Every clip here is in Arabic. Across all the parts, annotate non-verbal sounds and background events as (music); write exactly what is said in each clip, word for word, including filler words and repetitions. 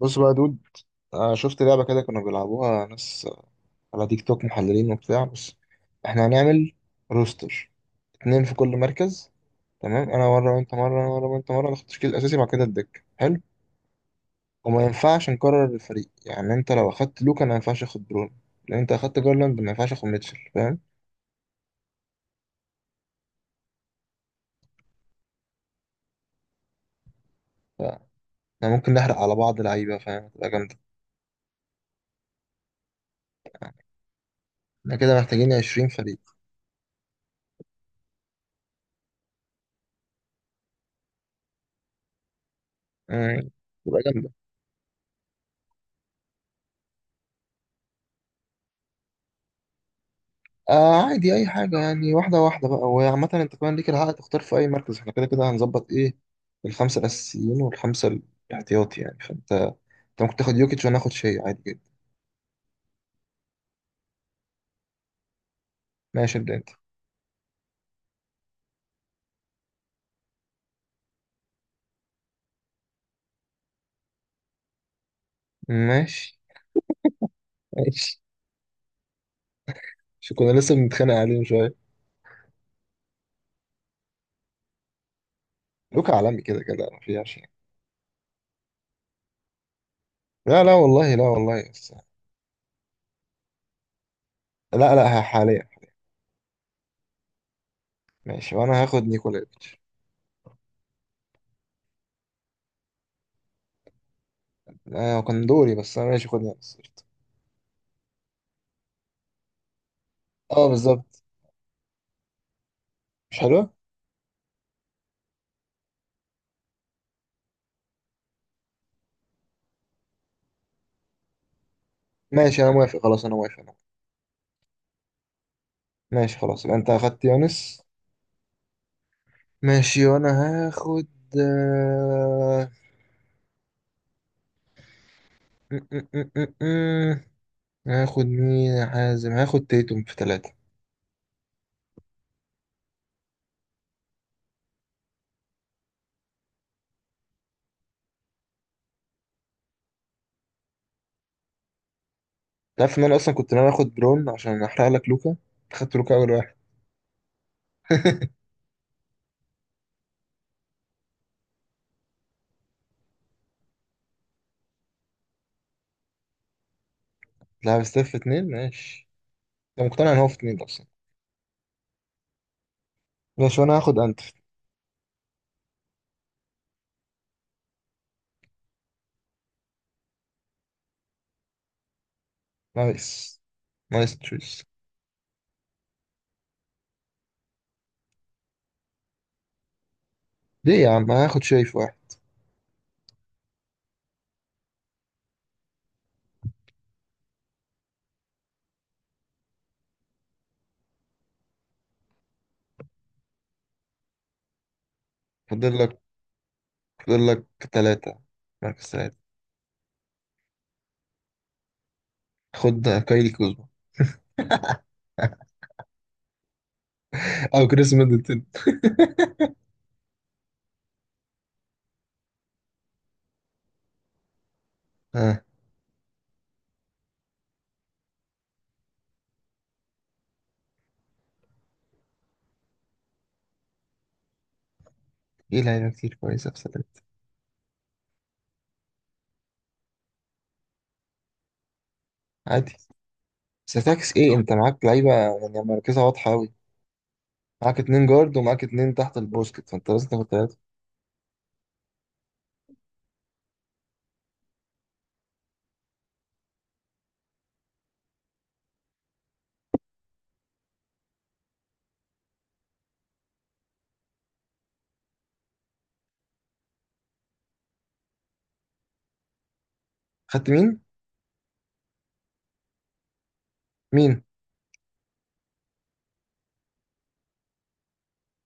بص بقى يا دود. آه، شفت لعبة كده كانوا بيلعبوها ناس على تيك توك، محللين وبتاع. بس احنا هنعمل روستر، اتنين في كل مركز. تمام، انا مرة وانت مرة، انا مرة وانت مرة، ناخد التشكيل الاساسي بعد كده الدك حلو. وما ينفعش نكرر الفريق، يعني انت لو اخدت لوكا انا ما ينفعش اخد برون، لو انت اخدت جارلاند ما ينفعش اخد ميتشل، فاهم؟ فاحنا ممكن نحرق على بعض لعيبة، فاهم؟ تبقى جامدة. احنا كده محتاجين عشرين فريق. مم، تبقى جامدة. آه عادي اي حاجه، يعني واحده واحده بقى، وعامه انت كمان ليك الحق تختار في اي مركز، احنا كده كده هنظبط ايه، الخمسه الاساسيين والخمسه الاحتياطي. يعني فانت انت ممكن تاخد يوكيتش وانا اخد شيء عادي جدا. ماشي، ابدا انت. ماشي ماشي شو كنا لسه بنتخانق عليه من شويه؟ لوكا عالمي كده كده ما فيهاش يعني. لا لا والله، لا والله بس. لا لا، ه- حاليا. ماشي، وانا هاخد نيكولايتش. آه كان دوري، بس انا ماشي، خدني بس قشطة. اه بالظبط، مش حلو. ماشي انا موافق، خلاص انا موافق، أنا موافق. ماشي خلاص، يبقى انت اخدت يونس. ماشي، وانا هاخد آه، م- م- م- م- م. هاخد مين يا حازم؟ هاخد تيتوم في ثلاثة. تعرف ان انا اصلا كنت ناوي اخد برون عشان احرق لك لوكا؟ خدت لوكا اول واحد. (laughs) لاعب ستيف في اتنين ماشي. انت مقتنع ان هو في اتنين اصلا؟ ماشي وانا هاخد انت. نايس، نايس تشويس. ليه يا عم؟ هاخد شايف واحد. فاضل لك، فاضل لك ثلاثة، مركز ثلاثة. خد كايلي كوزما. (laughs) او كريس ميدلتون. اه، في لعيبة كتير كويسة بس. عادي، ستاكس ايه، انت معاك لعيبه يعني مراكزها واضحه قوي. معاك اتنين جارد ومعاك اتنين تحت البوسكت، فانت لازم تاخد تلاته. خدت مين؟ مين؟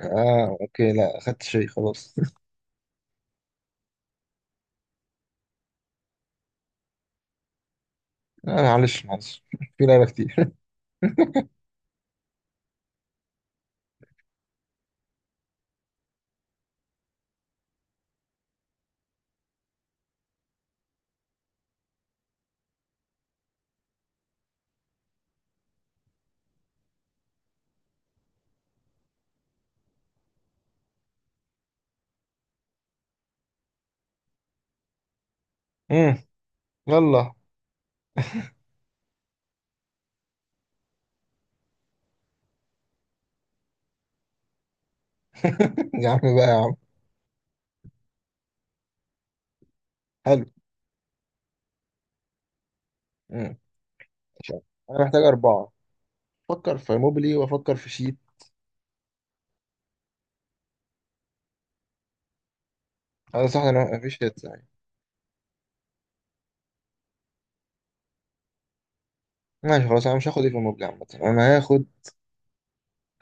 اه اوكي، لا خدت شيء خلاص. (laughs) آه، معلش معلش. (laughs) في لعيبه كتير. امم، يلا. (laughs) يا عم بقى يا عم. حلو. امم، مش عارف. انا محتاج اربعه، افكر في موبلي وافكر في شيت. هذا صح، انا مفيش هيت يعني. ماشي خلاص، انا مش هاخد ايه في موبلي عامه، انا هاخد،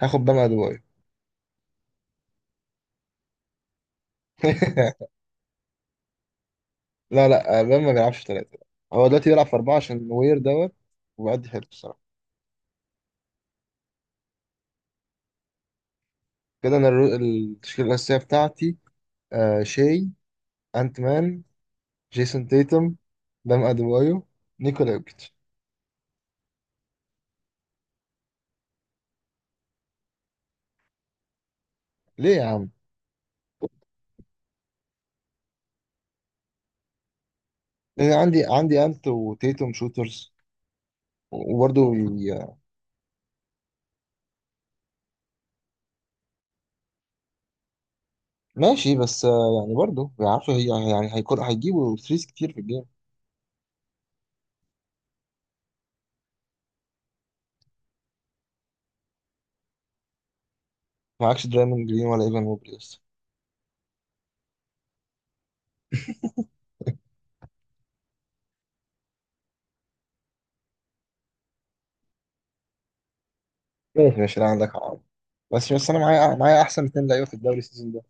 هاخد بام ادوايو. (laughs) لا لا، بام ما بيلعبش ثلاثة. هو دلوقتي بيلعب في أربعة عشان وير دوت. وبيأدي حلو الصراحة. كده أنا الرو- التشكيلة الأساسية بتاعتي: آه، شاي، أنت مان، جيسون تيتم، بام أديبايو، نيكولا يوكيتش. ليه يا عم؟ لأن عندي عندي أنت وتيتم شوترز، وبرضه بي- ماشي، بس آه يعني برضه بيعرفوا هي- يعني هيكون هيجيبوا ثريز كتير في الجيم. معكش درايموند جرين ولا ايفان موبلي لسه؟ ماشي ماشي لا عندك حق. بس بس، انا معايا، معايا احسن اتنين لعيبه في الدوري السيزون ده.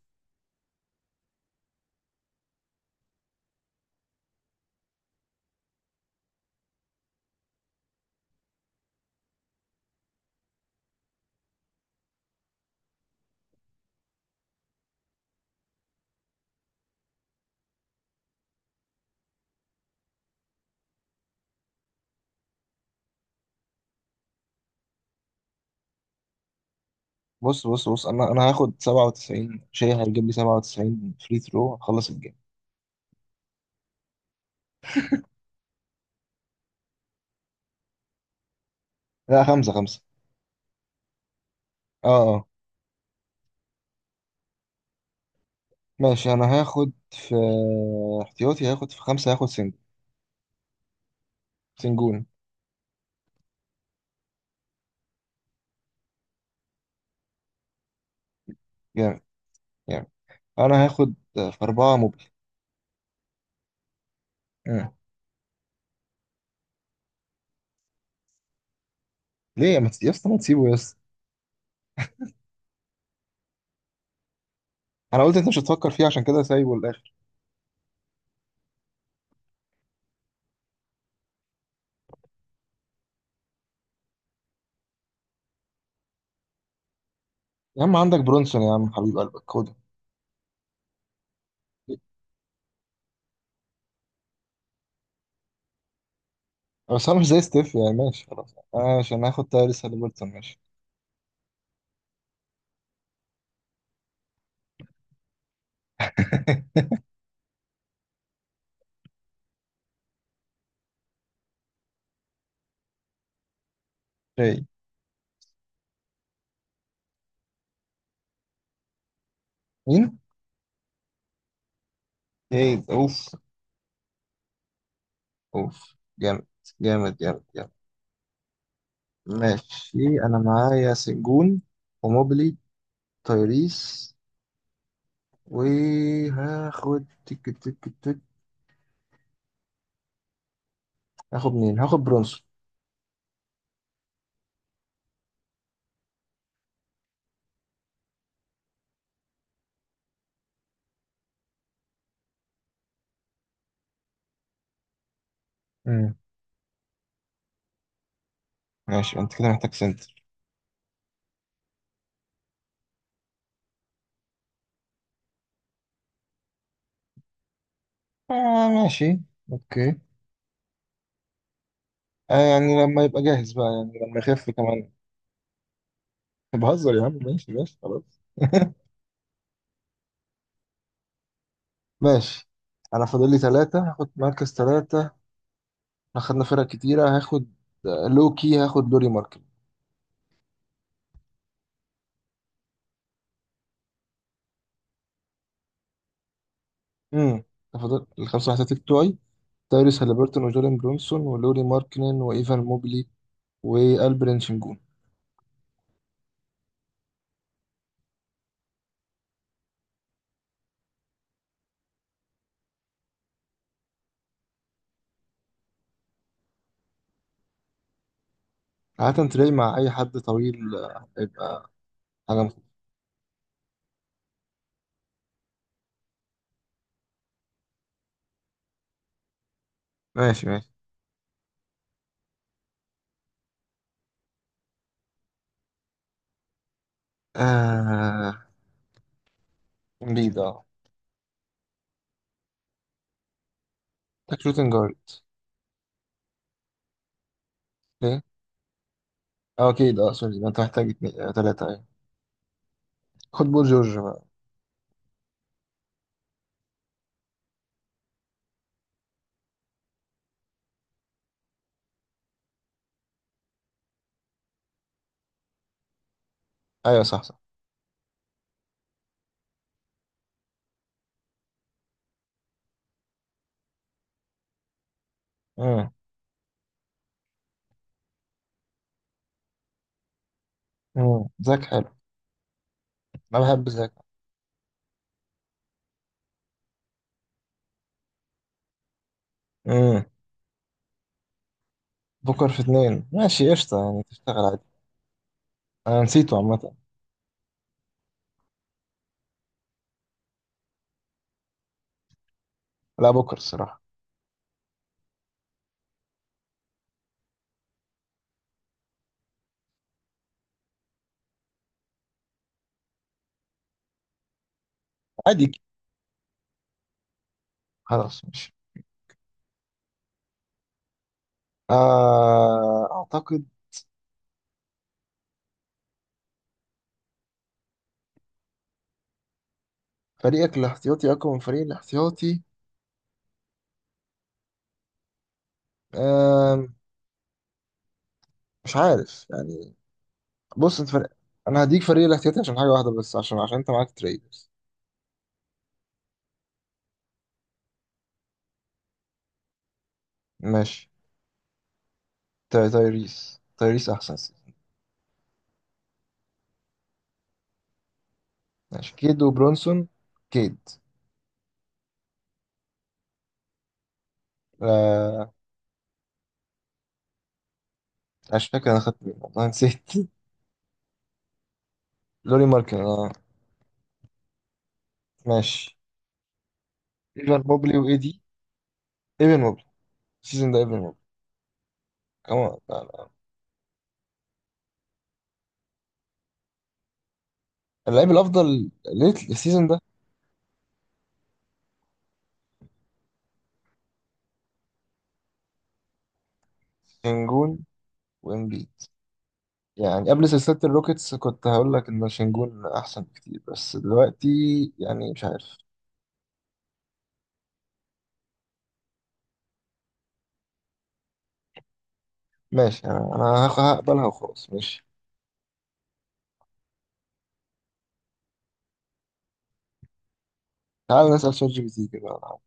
بص بص بص انا انا هاخد سبعة وتسعين شيء هيجيب لي سبعة وتسعين فري ثرو هخلص الجيم. لا، خمسة خمسة. اه اه. ماشي انا هاخد في احتياطي، هاخد في خمسة، هاخد سنجل، سنجون. جامد، جامد. انا هاخد في أربعة موبي. مم. ليه يا ما تس- يا اسطى، ما تسيبه يا اسطى؟ انا قلت انت مش هتفكر فيه، عشان كده سايبه للاخر. يا عم عندك برونسون يا عم، حبيب قلبك، خده. بس هو مش زي ستيف يعني، ماشي خلاص، ماشي. انا عشان هاخد تايريس هاليبرتون، ماشي. (laughs) شيء. مين؟ ايه، اوف. اوف، جامد جامد جامد جامد. ماشي، انا معايا سنجون وموبلي، تايريس، وهاخد تك تك تك، هاخد مين؟ هاخد برونسون. مم. ماشي، انت كده محتاج سنتر. آه ماشي، اوكي. آه يعني لما يبقى جاهز بقى، يعني لما يخف كمان. بهزر يا عم، ماشي ماشي خلاص. (laughs) ماشي. انا فاضل لي ثلاثة، هاخد مركز ثلاثة. اخدنا فرق كتيرة، هاخد آه، لوكي، هاخد دوري ماركل. امم، فاضل الخمسة احتياطي بتوعي: تايريس هاليبرتون، وجولين برونسون، ولوري ماركنن، وايفان موبلي، والبرين شنجون. عادة تلاقي مع اي حد طويل آه، هيبقى حاجة مخ- ماشي ماشي. آه امبيد. اه، محتاج شوتنج جارد. ليه؟ اه اكيد، اه سوري، ده انت محتاج اتنين، آه، تلاتة، ايوه. خد بول جورج بقى. ايوه صح صح. امم. امم، زاك حلو. انا بحب زاك. امم. بوكر في اتنين ماشي، قشطة يعني تشتغل عادي. انا نسيته عامة. لا، بوكر الصراحة. عادي، خلاص ماشي. آه أعتقد. فريقك الاحتياطي اقوى من فريق الاحتياطي؟ آم، مش عارف يعني. بص، انت فرق، انا هديك فريق الاحتياطي عشان حاجه واحده بس، عشان عشان انت معاك تريدرز. ماشي، تا- تايريس، تايريس احسن سيزون. ماشي، كيد وبرونسون، كيد. آه، مش فاكر انا خدت مين، والله نسيت. (laughs) لوري ماركن، آه. ماشي، ايفان موبلي وايدي، ايفان موبلي. السيزون ده ايفان موبلي كمان، لا لا. اللعيب الافضل ليت السيزون ده، انجون وامبيد. يعني قبل سلسلة الروكيتس كنت هقول لك إن شنجون أحسن بكتير، بس دلوقتي يعني مش عارف. ماشي، أنا أنا هاخ- هقبلها وخلاص، ماشي. تعال نسأل شات جي بي تي كده.